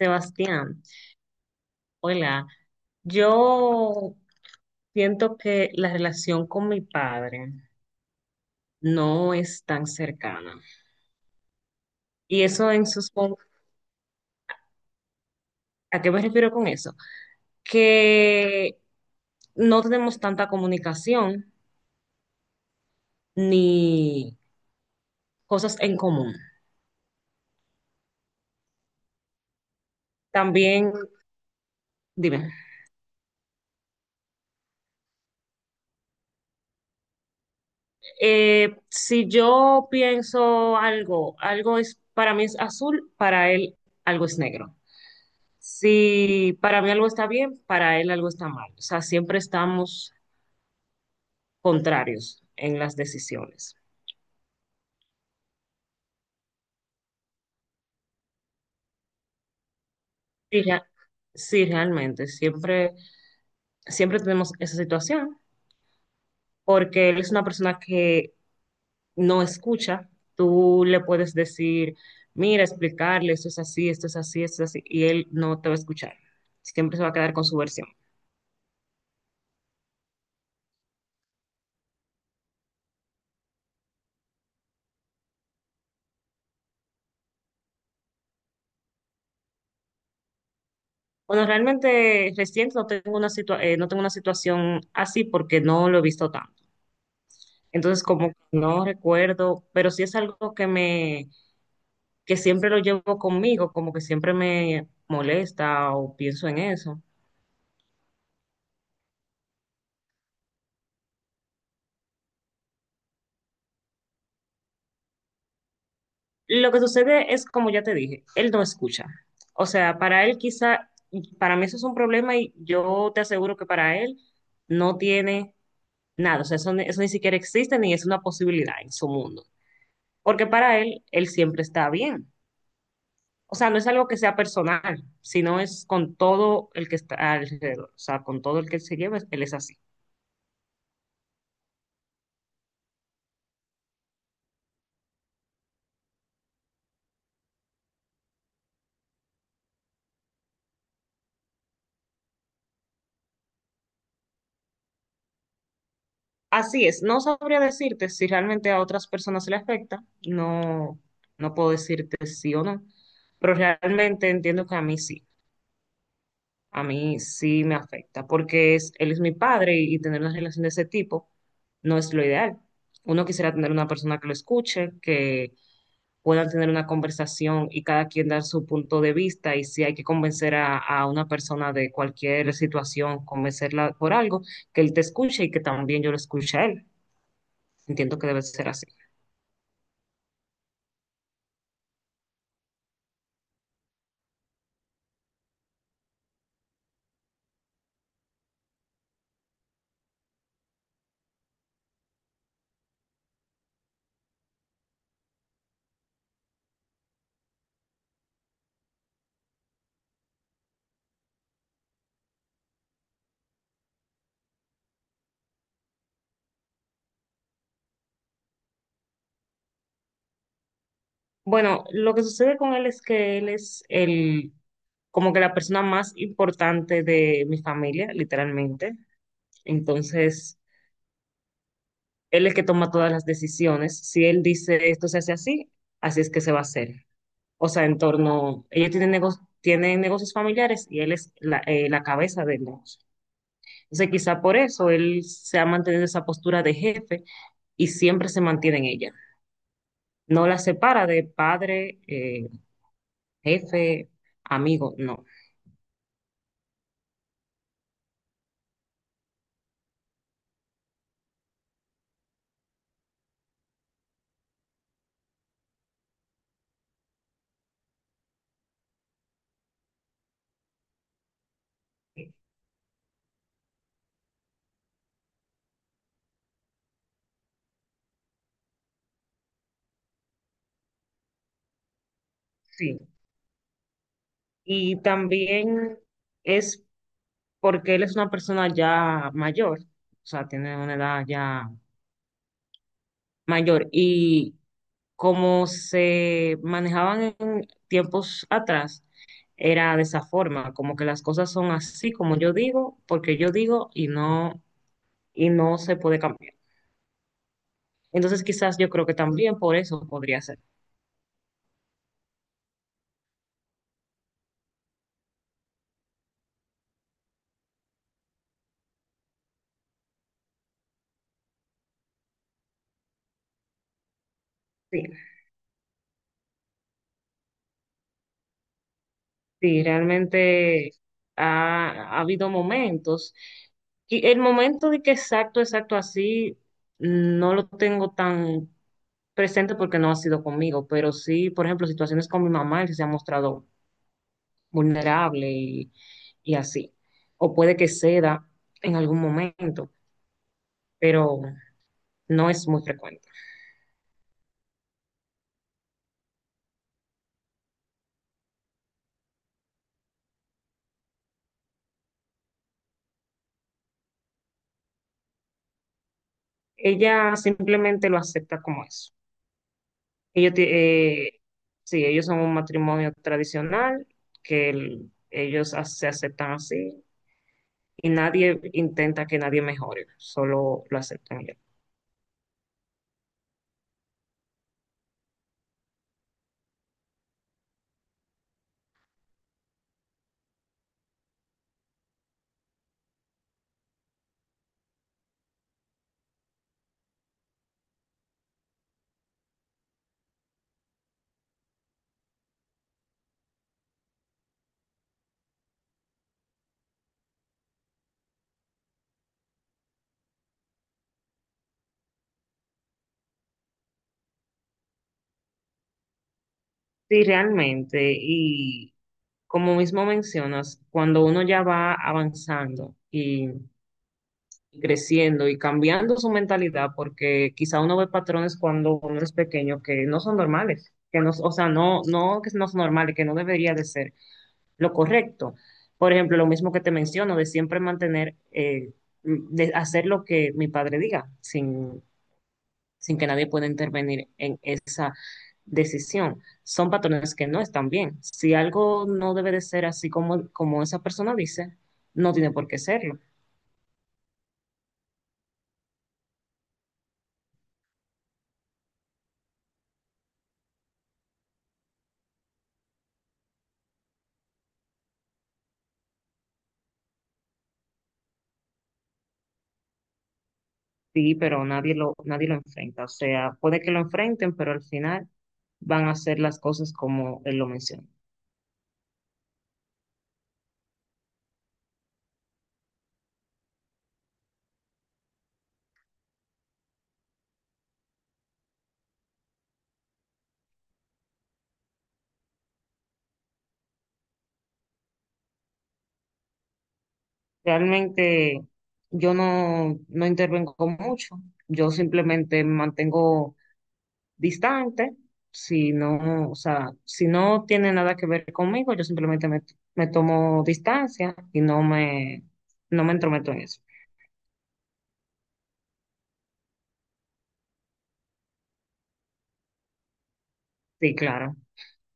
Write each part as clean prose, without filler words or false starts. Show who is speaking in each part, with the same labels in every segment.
Speaker 1: Sebastián, hola. Yo siento que la relación con mi padre no es tan cercana. Y eso en sus... ¿A qué me refiero con eso? Que no tenemos tanta comunicación ni cosas en común. También, dime, si yo pienso algo, para mí es azul, para él algo es negro. Si para mí algo está bien, para él algo está mal. O sea, siempre estamos contrarios en las decisiones. Sí, rea- sí, realmente, siempre tenemos esa situación, porque él es una persona que no escucha. Tú le puedes decir, mira, explicarle, esto es así, esto es así, esto es así, y él no te va a escuchar. Siempre se va a quedar con su versión. Bueno, realmente reciente no tengo una situación así porque no lo he visto tanto. Entonces, como que no recuerdo, pero sí es algo que siempre lo llevo conmigo, como que siempre me molesta o pienso en eso. Lo que sucede es, como ya te dije, él no escucha. O sea, para mí eso es un problema y yo te aseguro que para él no tiene nada. O sea, eso ni siquiera existe ni es una posibilidad en su mundo. Porque para él, él siempre está bien. O sea, no es algo que sea personal, sino es con todo el que está alrededor, o sea, con todo el que él se lleva, él es así. Así es, no sabría decirte si realmente a otras personas se le afecta, no, no puedo decirte sí o no, pero realmente entiendo que a mí sí me afecta, porque él es mi padre y tener una relación de ese tipo no es lo ideal. Uno quisiera tener una persona que lo escuche, que puedan tener una conversación y cada quien dar su punto de vista y si hay que convencer a una persona de cualquier situación, convencerla por algo, que él te escuche y que también yo lo escuche a él. Entiendo que debe ser así. Bueno, lo que sucede con él es que él es como que la persona más importante de mi familia, literalmente. Entonces, él es el que toma todas las decisiones. Si él dice esto se hace así, así es que se va a hacer. O sea, en torno, ella tiene negocios familiares y él es la cabeza del negocio. Entonces, quizá por eso él se ha mantenido esa postura de jefe y siempre se mantiene en ella. No la separa de padre, jefe, amigo, no. Sí. Y también es porque él es una persona ya mayor, o sea, tiene una edad ya mayor. Y como se manejaban en tiempos atrás, era de esa forma, como que las cosas son así como yo digo, porque yo digo y no se puede cambiar. Entonces quizás yo creo que también por eso podría ser. Sí, sí, realmente ha, ha habido momentos. Y el momento de que exacto, exacto así, no lo tengo tan presente porque no ha sido conmigo, pero sí, por ejemplo, situaciones con mi mamá, que se ha mostrado vulnerable y así. O puede que ceda en algún momento, pero no es muy frecuente. Ella simplemente lo acepta como eso. Ellos, ti- sí, ellos son un matrimonio tradicional, que se aceptan así y nadie intenta que nadie mejore, solo lo aceptan ellos. Sí, realmente, y como mismo mencionas, cuando uno ya va avanzando y creciendo y cambiando su mentalidad, porque quizá uno ve patrones cuando uno es pequeño que no son normales, que no, o sea, no, no que no son normales, que no debería de ser lo correcto. Por ejemplo, lo mismo que te menciono, de siempre mantener, de hacer lo que mi padre diga, sin que nadie pueda intervenir en esa decisión. Son patrones que no están bien. Si algo no debe de ser así como esa persona dice, no tiene por qué serlo. Sí, pero nadie lo enfrenta. O sea, puede que lo enfrenten, pero al final van a hacer las cosas como él lo menciona. Realmente yo no, no intervengo mucho. Yo simplemente me mantengo distante. Si no, o sea, si no tiene nada que ver conmigo, yo simplemente me tomo distancia y no me entrometo en eso. Sí, claro.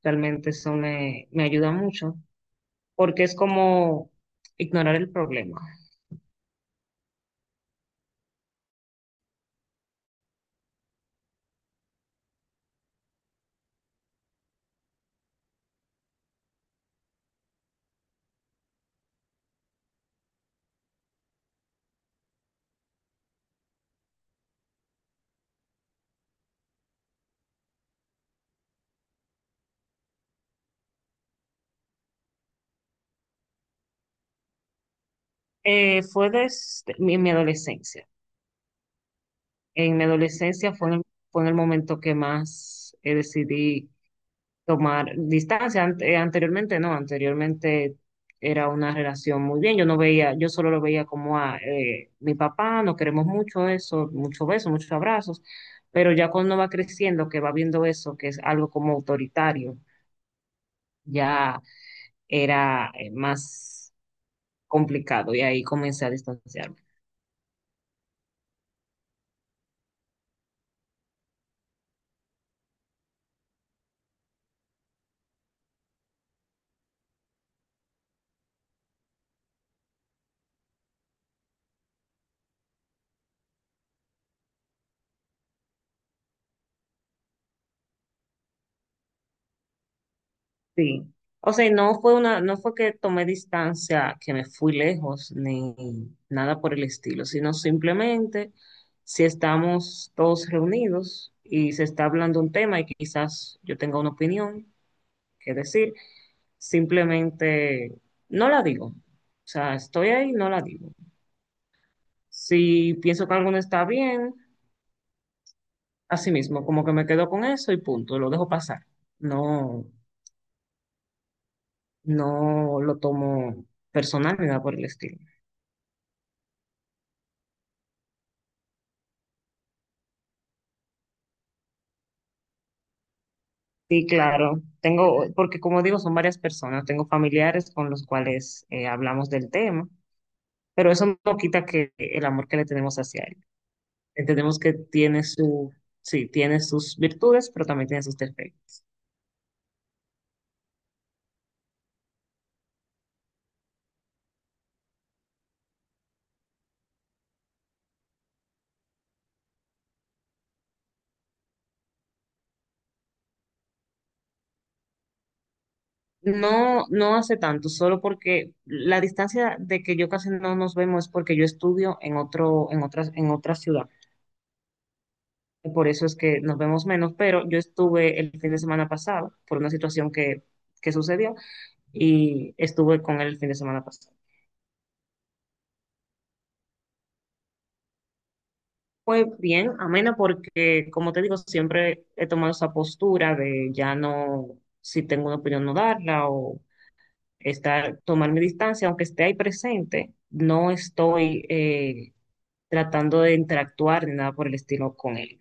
Speaker 1: Realmente eso me ayuda mucho porque es como ignorar el problema. Fue desde mi adolescencia. En mi adolescencia fue en el momento que más decidí tomar distancia. Anteriormente no, anteriormente era una relación muy bien. Yo no veía, yo solo lo veía como a mi papá, nos queremos mucho eso, muchos besos, muchos abrazos. Pero ya cuando va creciendo, que va viendo eso, que es algo como autoritario, ya era más complicado y ahí comencé a distanciarme. Sí. O sea, no fue una, no fue que tomé distancia, que me fui lejos, ni nada por el estilo, sino simplemente si estamos todos reunidos y se está hablando un tema y quizás yo tenga una opinión que decir, simplemente no la digo. O sea, estoy ahí, no la digo. Si pienso que algo no está bien, así mismo, como que me quedo con eso y punto, lo dejo pasar. No, no lo tomo personal ni nada por el estilo. Sí, claro. Tengo, porque como digo, son varias personas. Tengo familiares con los cuales hablamos del tema, pero eso no quita que el amor que le tenemos hacia él. Entendemos que tiene su, sí, tiene sus virtudes, pero también tiene sus defectos. No, no hace tanto, solo porque la distancia de que yo casi no nos vemos es porque yo estudio en otra ciudad. Por eso es que nos vemos menos, pero yo estuve el fin de semana pasado por una situación que sucedió y estuve con él el fin de semana pasado. Fue bien, amena, porque como te digo, siempre he tomado esa postura de ya no, si tengo una opinión, no darla o tomar mi distancia, aunque esté ahí presente, no estoy tratando de interactuar ni nada por el estilo con él.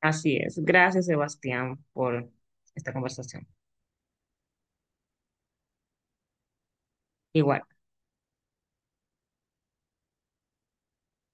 Speaker 1: Así es. Gracias, Sebastián, por esta conversación. Igual.